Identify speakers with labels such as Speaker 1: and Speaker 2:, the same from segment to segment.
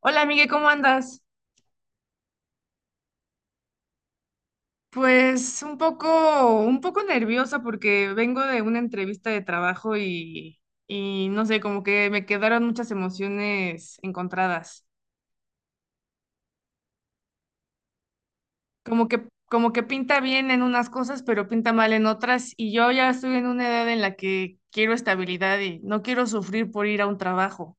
Speaker 1: Hola, Miguel, ¿cómo andas? Pues un poco nerviosa porque vengo de una entrevista de trabajo y no sé, como que me quedaron muchas emociones encontradas. Como que pinta bien en unas cosas, pero pinta mal en otras. Y yo ya estoy en una edad en la que quiero estabilidad y no quiero sufrir por ir a un trabajo.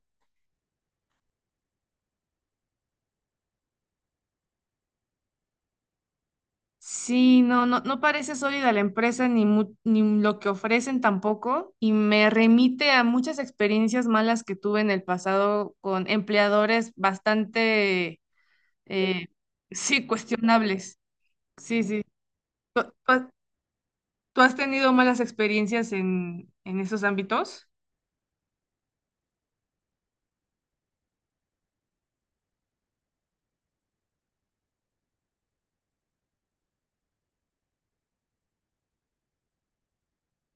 Speaker 1: Sí, no, no, no parece sólida la empresa ni, ni lo que ofrecen tampoco y me remite a muchas experiencias malas que tuve en el pasado con empleadores bastante, eh, sí, cuestionables. Sí, sí. ¿Tú, tú has tú has tenido malas experiencias en esos ámbitos?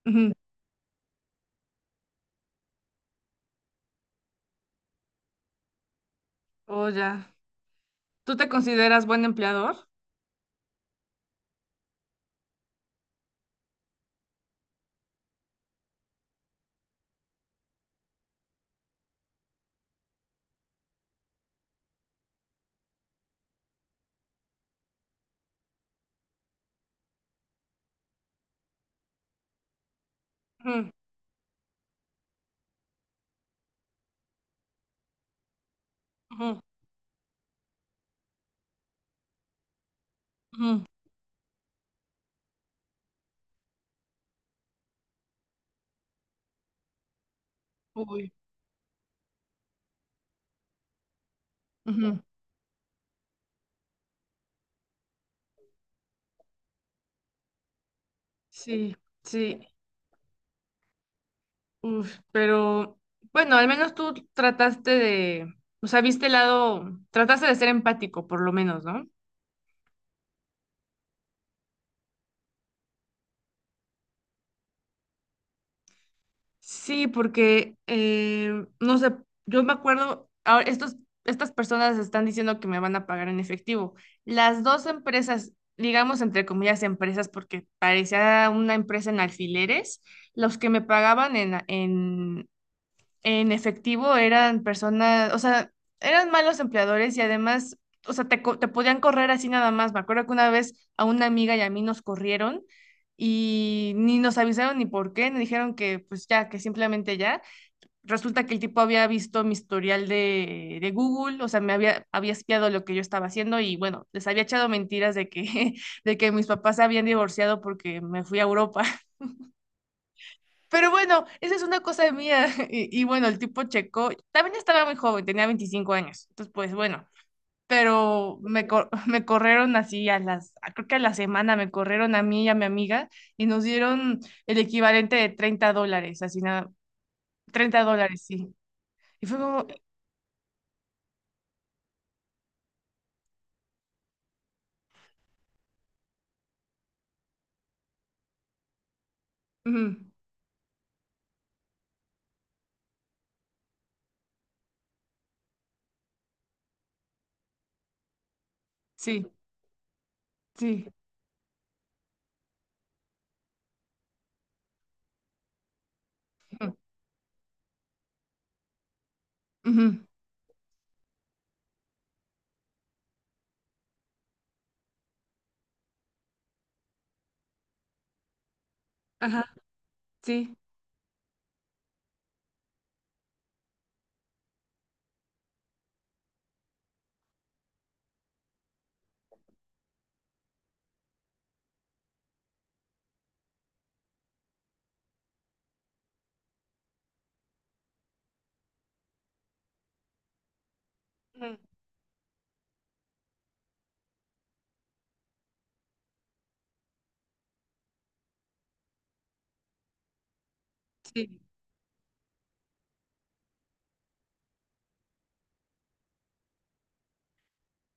Speaker 1: Ujú. Oh, ya. ¿Tú te consideras buen empleador? Ujú, ujú, ujú. Uy, ujú. Sí, sí. Uf, pero bueno, al menos tú trataste de, o sea, viste el lado, trataste de ser empático, por lo menos, ¿no? Sí, porque, no sé, yo me acuerdo, estas personas están diciendo que me van a pagar en efectivo. Las dos empresas, digamos entre comillas empresas, porque parecía una empresa en alfileres, los que me pagaban en efectivo eran personas, o sea, eran malos empleadores y además, o sea, te podían correr así nada más. Me acuerdo que una vez a una amiga y a mí nos corrieron y ni nos avisaron ni por qué, nos dijeron que pues ya, que simplemente ya. Resulta que el tipo había visto mi historial de Google, o sea, me había, había espiado lo que yo estaba haciendo y bueno, les había echado mentiras de que, de que mis papás se habían divorciado porque me fui a Europa. Pero bueno, esa es una cosa mía. Y bueno, el tipo checó. También estaba muy joven, tenía 25 años. Entonces, pues bueno, pero me corrieron así a las, creo que a la semana me corrieron a mí y a mi amiga y nos dieron el equivalente de $30, así nada, $30, sí. Y fue como, ujú, sí, sí, ujú, ujú, ajá, sí, ujú, sí.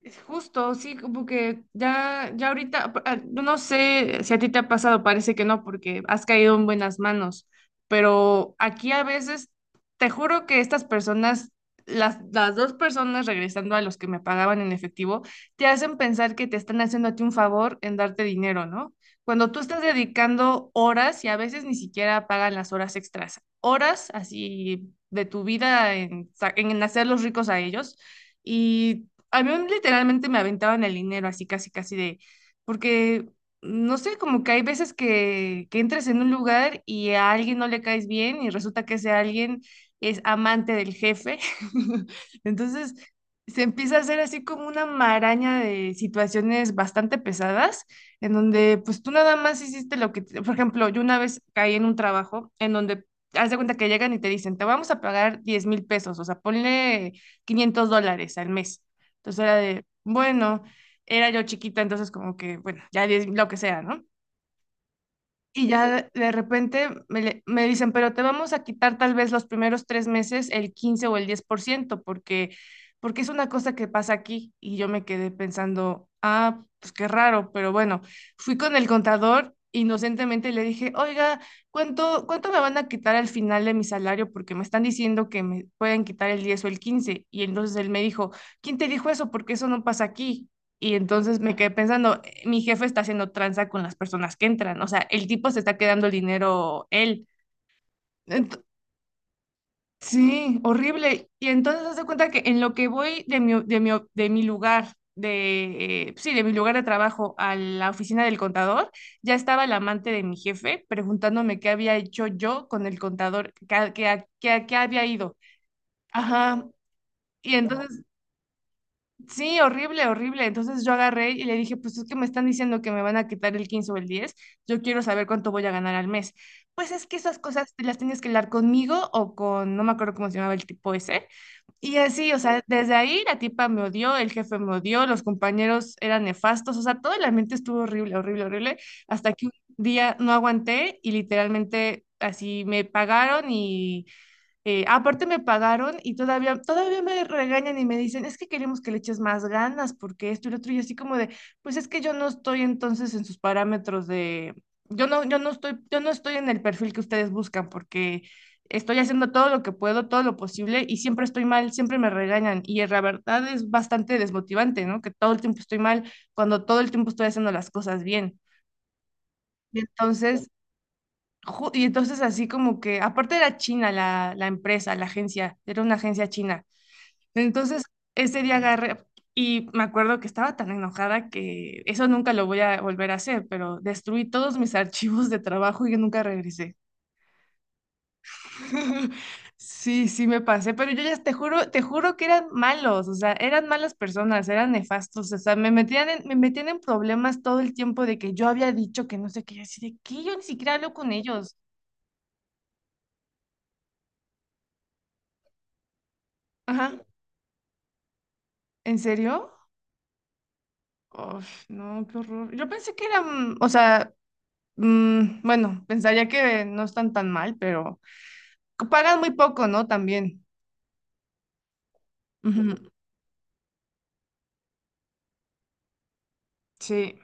Speaker 1: Es justo, sí, como que ya, ya ahorita, ah, no sé si a ti te ha pasado, parece que no, porque has caído en buenas manos, pero aquí a veces, te juro que estas personas, las dos personas regresando a los que me pagaban en efectivo, te hacen pensar que te están haciendo a ti un favor en darte dinero, ¿no? Cuando tú estás dedicando horas y a veces ni siquiera pagan las horas extras, horas así de tu vida en, en hacerlos ricos a ellos. Y a mí literalmente me aventaban el dinero, así casi, casi de, porque, no sé, como que hay veces que entras en un lugar y a alguien no le caes bien y resulta que ese alguien es amante del jefe. Entonces, se empieza a hacer así como una maraña de situaciones bastante pesadas, en donde pues tú nada más hiciste lo que, por ejemplo, yo una vez caí en un trabajo en donde... Haz de cuenta que llegan y te dicen, te vamos a pagar 10.000 pesos, o sea, ponle $500 al mes. Entonces era de, bueno, era yo chiquita, entonces como que, bueno, ya es lo que sea, ¿no? Y ya de repente me dicen, pero te vamos a quitar tal vez los primeros tres meses el 15 o el 10%, porque, porque es una cosa que pasa aquí. Y yo me quedé pensando, ah, pues qué raro, pero bueno, fui con el contador inocentemente y le dije, oiga, ¿cuánto me van a quitar al final de mi salario? Porque me están diciendo que me pueden quitar el 10 o el 15. Y entonces él me dijo, ¿quién te dijo eso? Porque eso no pasa aquí. Y entonces me quedé pensando, mi jefe está haciendo tranza con las personas que entran, o sea, el tipo se está quedando el dinero él. Ent- sí, horrible. Y entonces haz de cuenta que en lo que voy de mi lugar, sí, de mi lugar de trabajo a la oficina del contador, ya estaba el amante de mi jefe preguntándome qué había hecho yo con el contador, que a qué había ido. Ajá. Y entonces. Sí, horrible, horrible. Entonces yo agarré y le dije, pues es que me están diciendo que me van a quitar el 15 o el 10, yo quiero saber cuánto voy a ganar al mes. Pues es que esas cosas te las tienes que hablar conmigo o con, no me acuerdo cómo se llamaba el tipo ese. Y así, o sea, desde ahí la tipa me odió, el jefe me odió, los compañeros eran nefastos, o sea, todo el ambiente estuvo horrible, horrible, horrible, hasta que un día no aguanté y literalmente así me pagaron y aparte me pagaron y todavía, todavía me regañan y me dicen, es que queremos que le eches más ganas porque esto y lo otro, y así como de, pues es que yo no estoy entonces en sus parámetros de, yo no estoy en el perfil que ustedes buscan porque estoy haciendo todo lo que puedo, todo lo posible y siempre estoy mal, siempre me regañan y la verdad es bastante desmotivante, ¿no? Que todo el tiempo estoy mal cuando todo el tiempo estoy haciendo las cosas bien. Y entonces Y entonces así como que, aparte era china la empresa, la agencia, era una agencia china. Entonces ese día agarré y me acuerdo que estaba tan enojada que eso nunca lo voy a volver a hacer, pero destruí todos mis archivos de trabajo y yo nunca regresé. Sí, sí me pasé, pero yo ya te juro que eran malos, o sea, eran malas personas, eran nefastos, o sea, me metían en problemas todo el tiempo de que yo había dicho que no sé qué, y así de que yo ni siquiera hablo con ellos. Ajá, ¿en serio? Uf, no, qué horror. Yo pensé que eran, o sea, bueno, pensaría que no están tan mal, pero pagan muy poco, ¿no? También. Ujú, sí.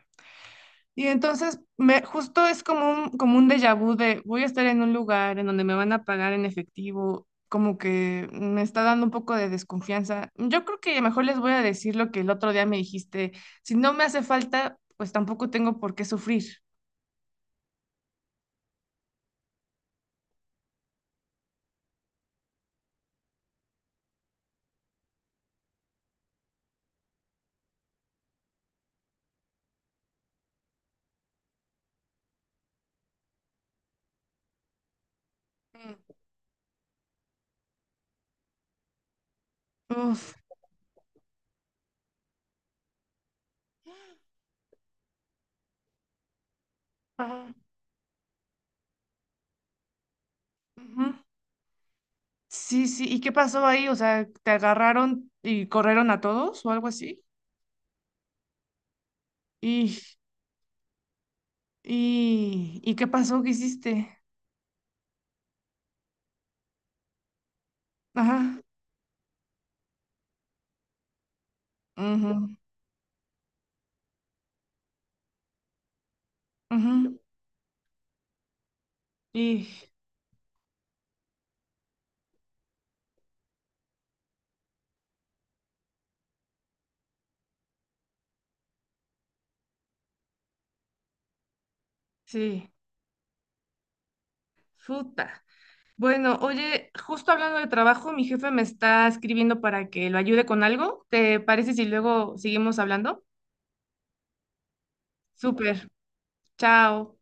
Speaker 1: Y entonces, me, justo es como un déjà vu de voy a estar en un lugar en donde me van a pagar en efectivo, como que me está dando un poco de desconfianza. Yo creo que mejor les voy a decir lo que el otro día me dijiste. Si no me hace falta, pues tampoco tengo por qué sufrir. Mm. Uf. Ajá. Ujú. Sí, sí. ¿Y qué pasó ahí? O sea, ¿te agarraron y corrieron a todos o algo así? ¿Y, y qué pasó? ¿Qué hiciste? Ajá. Ujú, ujú, y sí, puta. Bueno, oye, justo hablando de trabajo, mi jefe me está escribiendo para que lo ayude con algo. ¿Te parece si luego seguimos hablando? Súper. Chao.